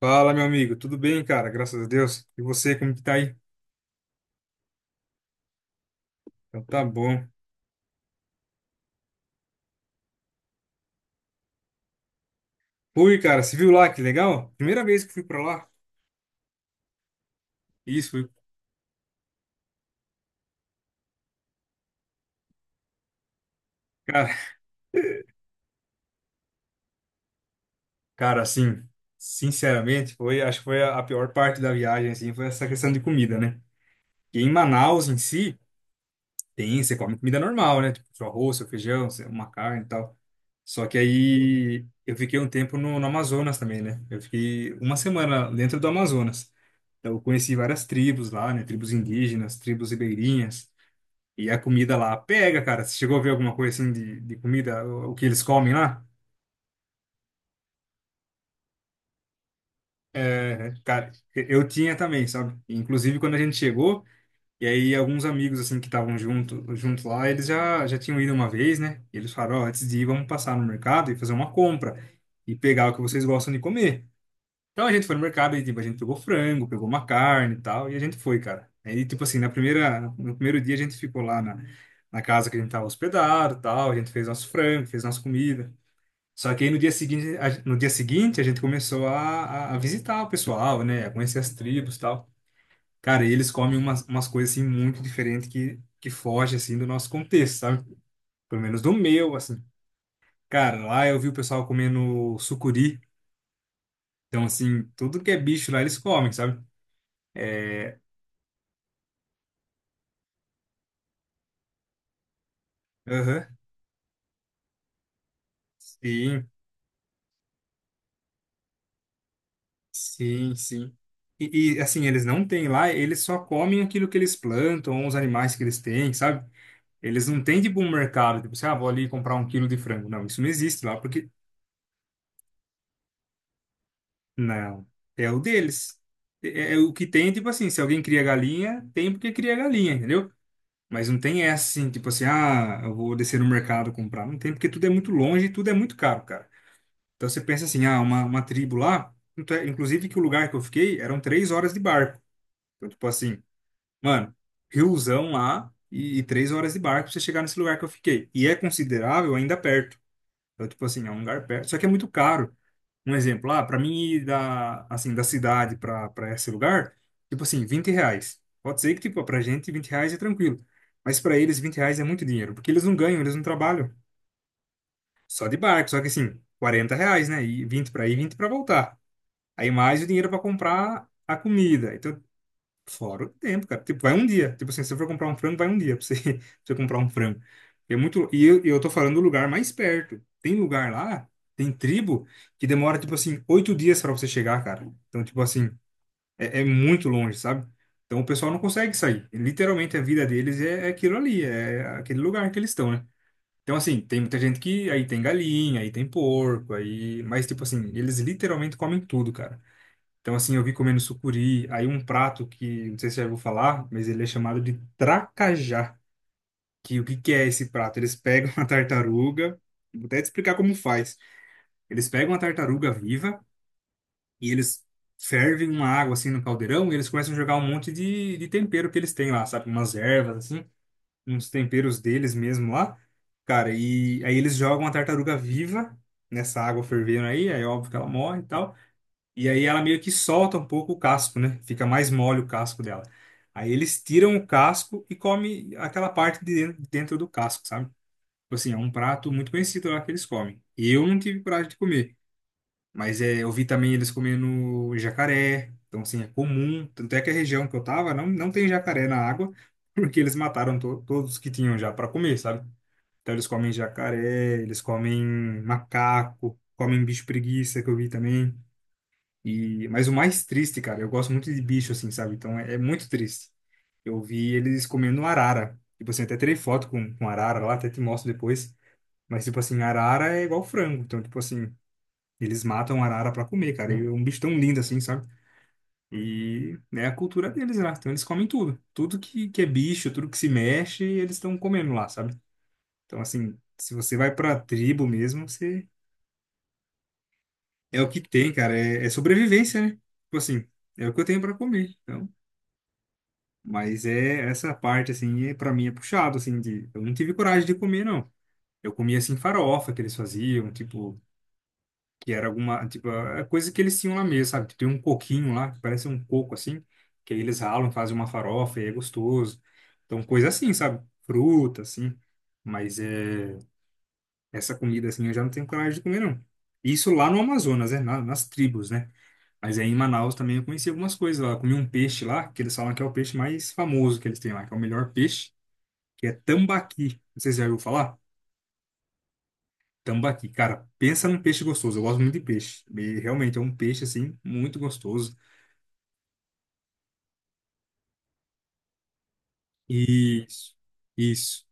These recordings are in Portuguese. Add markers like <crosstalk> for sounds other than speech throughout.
Fala, meu amigo. Tudo bem, cara? Graças a Deus. E você, como que tá aí? Então tá bom. Fui, cara. Você viu lá? Que legal. Primeira vez que fui pra lá. Isso, fui. Cara, cara, assim, sinceramente, acho que foi a pior parte da viagem, assim, foi essa questão de comida, né? E em Manaus, em si, tem, você come comida normal, né? Tipo, seu arroz, seu feijão, uma carne e tal. Só que aí eu fiquei um tempo no Amazonas também, né? Eu fiquei uma semana dentro do Amazonas. Então eu conheci várias tribos lá, né? Tribos indígenas, tribos ribeirinhas. E a comida lá pega, cara. Você chegou a ver alguma coisa assim de comida, o que eles comem lá? É, cara, eu tinha também, sabe? Inclusive quando a gente chegou. E aí alguns amigos assim que estavam junto lá, eles já tinham ido uma vez, né? E eles falaram, ó, antes de ir, vamos passar no mercado e fazer uma compra e pegar o que vocês gostam de comer. Então a gente foi no mercado e tipo, a gente pegou frango, pegou uma carne e tal, e a gente foi, cara. Aí tipo assim, na primeira no primeiro dia a gente ficou lá na casa que a gente tava hospedado, e tal, a gente fez nosso frango, fez nossa comida. Só que aí no dia seguinte, no dia seguinte a gente começou a visitar o pessoal, né? A conhecer as tribos, e tal. Cara, e eles comem umas coisas assim muito diferentes que foge assim do nosso contexto, sabe? Pelo menos do meu, assim. Cara, lá eu vi o pessoal comendo sucuri. Então, assim, tudo que é bicho lá eles comem, sabe? Aham. Sim, sim, sim. E, assim, eles não têm lá, eles só comem aquilo que eles plantam, os animais que eles têm, sabe? Eles não têm, tipo, um mercado, tipo, assim, ah, vou ali comprar um quilo de frango. Não, isso não existe lá, porque. Não, é o deles. É o que tem, tipo assim, se alguém cria galinha, tem porque cria galinha, entendeu? Mas não tem essa assim, tipo assim, ah, eu vou descer no mercado comprar. Não tem, porque tudo é muito longe e tudo é muito caro, cara. Então você pensa assim, ah, uma tribo lá, inclusive que o lugar que eu fiquei eram 3 horas de barco. Então, tipo assim, mano, riozão lá e 3 horas de barco pra você chegar nesse lugar que eu fiquei. E é considerável ainda perto. Então, tipo assim, é um lugar perto, só que é muito caro um exemplo, ah, para mim ir da, assim, da cidade para esse lugar, tipo assim, R$ 20. Pode ser que, tipo, pra gente R$ 20 é tranquilo. Mas para eles R$ 20 é muito dinheiro, porque eles não ganham, eles não trabalham. Só de barco, só que assim, R$ 40, né? E 20 para ir, 20 para voltar. Aí mais o dinheiro para comprar a comida. Então. Fora o tempo, cara. Tipo, vai um dia. Tipo assim, se você for comprar um frango, vai um dia pra você, <laughs> pra você comprar um frango. É muito. E eu tô falando do lugar mais perto. Tem lugar lá, tem tribo, que demora, tipo assim, 8 dias pra você chegar, cara. Então, tipo assim, é muito longe, sabe? Então o pessoal não consegue sair. Literalmente a vida deles é aquilo ali, é aquele lugar que eles estão, né? Então, assim, tem muita gente que aí tem galinha, aí tem porco, aí. Mas, tipo assim, eles literalmente comem tudo, cara. Então, assim, eu vi comendo sucuri, aí um prato que, não sei se já vou falar, mas ele é chamado de tracajá. Que o que que é esse prato? Eles pegam <laughs> a tartaruga, vou até te explicar como faz. Eles pegam a tartaruga viva e eles fervem uma água assim no caldeirão e eles começam a jogar um monte de tempero que eles têm lá, sabe? Umas ervas, assim, uns temperos deles mesmo lá. Cara, e aí eles jogam a tartaruga viva nessa água fervendo aí, é óbvio que ela morre e tal. E aí ela meio que solta um pouco o casco, né? Fica mais mole o casco dela. Aí eles tiram o casco e comem aquela parte de dentro dentro do casco, sabe? Tipo assim, é um prato muito conhecido lá que eles comem. E eu não tive coragem de comer. Mas é, eu vi também eles comendo jacaré. Então, assim, é comum. Tanto é que a região que eu tava não tem jacaré na água, <laughs> porque eles mataram to todos que tinham já para comer, sabe? Então, eles comem jacaré, eles comem macaco, comem bicho preguiça, que eu vi também. Mas o mais triste, cara, eu gosto muito de bicho, assim, sabe? Então é muito triste. Eu vi eles comendo arara. Tipo assim, até tirei foto com arara lá, até te mostro depois. Mas, tipo assim, arara é igual frango. Então, tipo assim, eles matam arara pra comer, cara. E é um bicho tão lindo assim, sabe? E é a cultura deles lá. Então, eles comem tudo. Tudo que é bicho, tudo que se mexe, eles estão comendo lá, sabe? Então, assim, se você vai pra tribo mesmo, você. É o que tem, cara. É sobrevivência, né? Tipo assim, é o que eu tenho pra comer. Então. Mas é essa parte, assim, para mim é puxado, assim, eu não tive coragem de comer, não. Eu comia, assim, farofa que eles faziam, tipo, que era alguma, tipo, a coisa que eles tinham lá mesmo, sabe? Tipo, tem um coquinho lá, que parece um coco, assim, que aí eles ralam, fazem uma farofa e é gostoso. Então, coisa assim, sabe? Fruta, assim. Mas essa comida, assim, eu já não tenho coragem de comer, não. Isso lá no Amazonas, né? Nas tribos, né? Mas aí em Manaus também eu conheci algumas coisas lá. Eu comi um peixe lá, que eles falam que é o peixe mais famoso que eles têm lá, que é o melhor peixe que é tambaqui. Não sei se você já ouviu falar. Tambaqui, cara, pensa num peixe gostoso. Eu gosto muito de peixe. E realmente é um peixe, assim, muito gostoso. Isso, isso.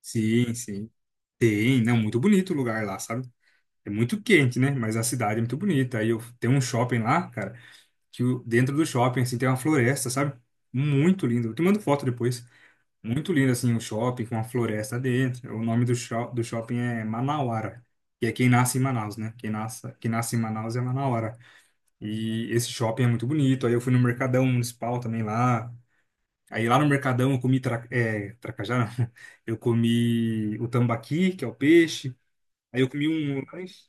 Sim, sim. Tem, não, muito bonito o lugar lá, sabe? É muito quente, né? Mas a cidade é muito bonita. Aí eu tem um shopping lá, cara, que dentro do shopping, assim, tem uma floresta, sabe? Muito lindo. Eu te mando foto depois. Muito lindo, assim, o shopping com uma floresta dentro. O nome do shopping é Manauara, que é quem nasce em Manaus, né? Quem nasce em Manaus é Manauara. E esse shopping é muito bonito. Aí eu fui no Mercadão Municipal também lá. Aí lá no Mercadão eu comi tracajá, não. <laughs> Eu comi o tambaqui, que é o peixe. Aí eu comi um lanche.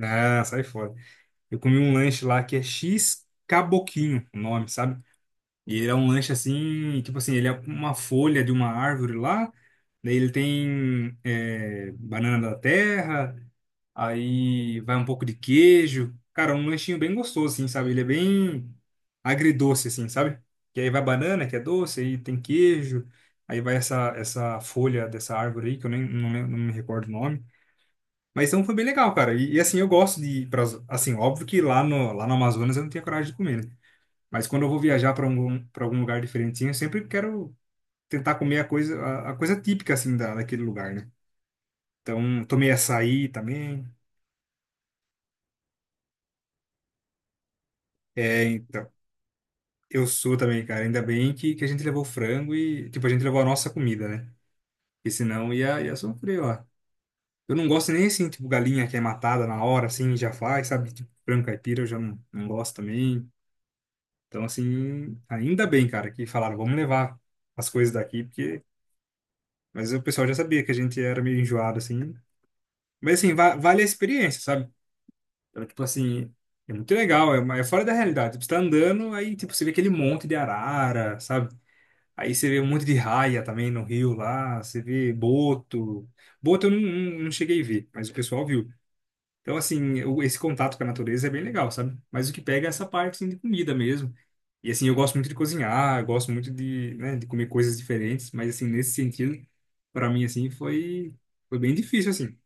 Ah, sai fora. Eu comi um lanche lá que é X Caboquinho, o nome, sabe? E ele é um lanche assim, tipo assim, ele é uma folha de uma árvore lá. Daí ele tem banana da terra, aí vai um pouco de queijo. Cara, um lanchinho bem gostoso, assim, sabe? Ele é bem agridoce, assim, sabe? Que aí vai banana, que é doce, aí tem queijo. Aí vai essa folha dessa árvore aí, que eu nem não, não me recordo o nome. Mas então foi bem legal, cara. E, assim, eu gosto de ir assim, óbvio que lá no Amazonas eu não tinha coragem de comer, né? Mas quando eu vou viajar para algum lugar diferentinho, eu sempre quero tentar comer a coisa, a coisa típica, assim, daquele lugar, né? Então, tomei açaí também. É, então. Eu sou também, cara. Ainda bem que a gente levou frango e, tipo, a gente levou a nossa comida, né? Porque senão ia sofrer ó. Eu não gosto nem assim, tipo, galinha que é matada na hora, assim, já faz, sabe? Tipo, frango caipira eu já não gosto também. Então, assim, ainda bem, cara, que falaram, vamos levar as coisas daqui, porque. Mas o pessoal já sabia que a gente era meio enjoado, assim. Mas, assim, va vale a experiência, sabe? Então, tipo, assim, é muito legal, é fora da realidade. Tipo, você tá andando, aí, tipo, você vê aquele monte de arara, sabe? Aí você vê um monte de raia também no rio lá, você vê boto. Boto eu não cheguei a ver, mas o pessoal viu. Então, assim, esse contato com a natureza é bem legal, sabe? Mas o que pega é essa parte, assim, de comida mesmo. E, assim, eu gosto muito de cozinhar, eu gosto muito né, de comer coisas diferentes, mas, assim, nesse sentido, para mim, assim, foi bem difícil, assim.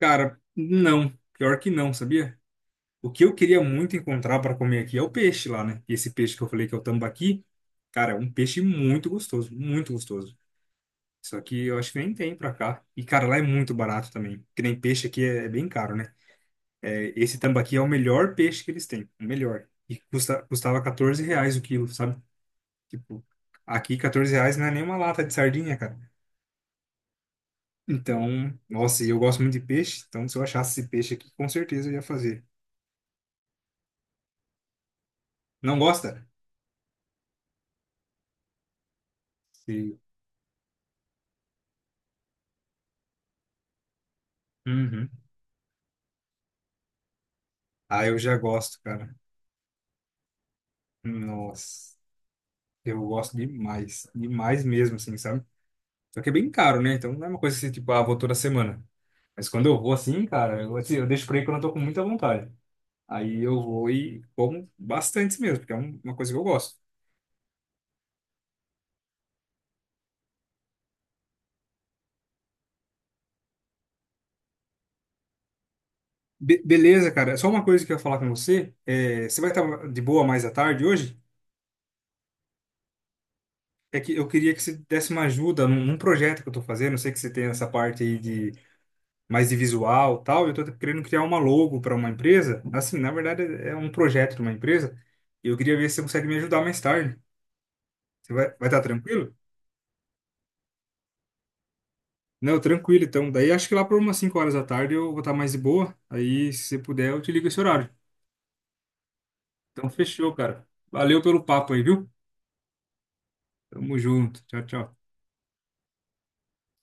Cara, não, pior que não, sabia? O que eu queria muito encontrar para comer aqui é o peixe lá, né? E esse peixe que eu falei que é o tambaqui, cara, é um peixe muito gostoso, muito gostoso. Só que eu acho que nem tem pra cá. E, cara, lá é muito barato também. Que nem peixe aqui é bem caro, né? É, esse tambaqui é o melhor peixe que eles têm. O melhor. E custava R$ 14 o quilo, sabe? Tipo, aqui R$ 14 não é nem uma lata de sardinha, cara. Então, nossa, e eu gosto muito de peixe. Então, se eu achasse esse peixe aqui, com certeza eu ia fazer. Não gosta? Sim. Uhum. Ah, eu já gosto, cara. Nossa, eu gosto demais. Demais mesmo, assim, sabe? Só que é bem caro, né? Então não é uma coisa assim, tipo, ah, vou toda semana. Mas quando eu vou assim, cara, eu deixo pra ir quando eu tô com muita vontade. Aí eu vou e como bastante mesmo, porque é uma coisa que eu gosto. Beleza, cara. Só uma coisa que eu ia falar com você. É, você vai estar de boa mais à tarde hoje? É que eu queria que você desse uma ajuda num projeto que eu tô fazendo. Eu sei que você tem essa parte aí de mais de visual e tal. Eu tô querendo criar uma logo para uma empresa. Assim, na verdade, é um projeto de uma empresa. E eu queria ver se você consegue me ajudar mais tarde. Você vai estar tranquilo? Não, tranquilo então. Daí acho que lá por umas 5 horas da tarde eu vou estar mais de boa. Aí, se você puder, eu te ligo esse horário. Então, fechou, cara. Valeu pelo papo aí, viu? Tamo junto. Tchau, tchau.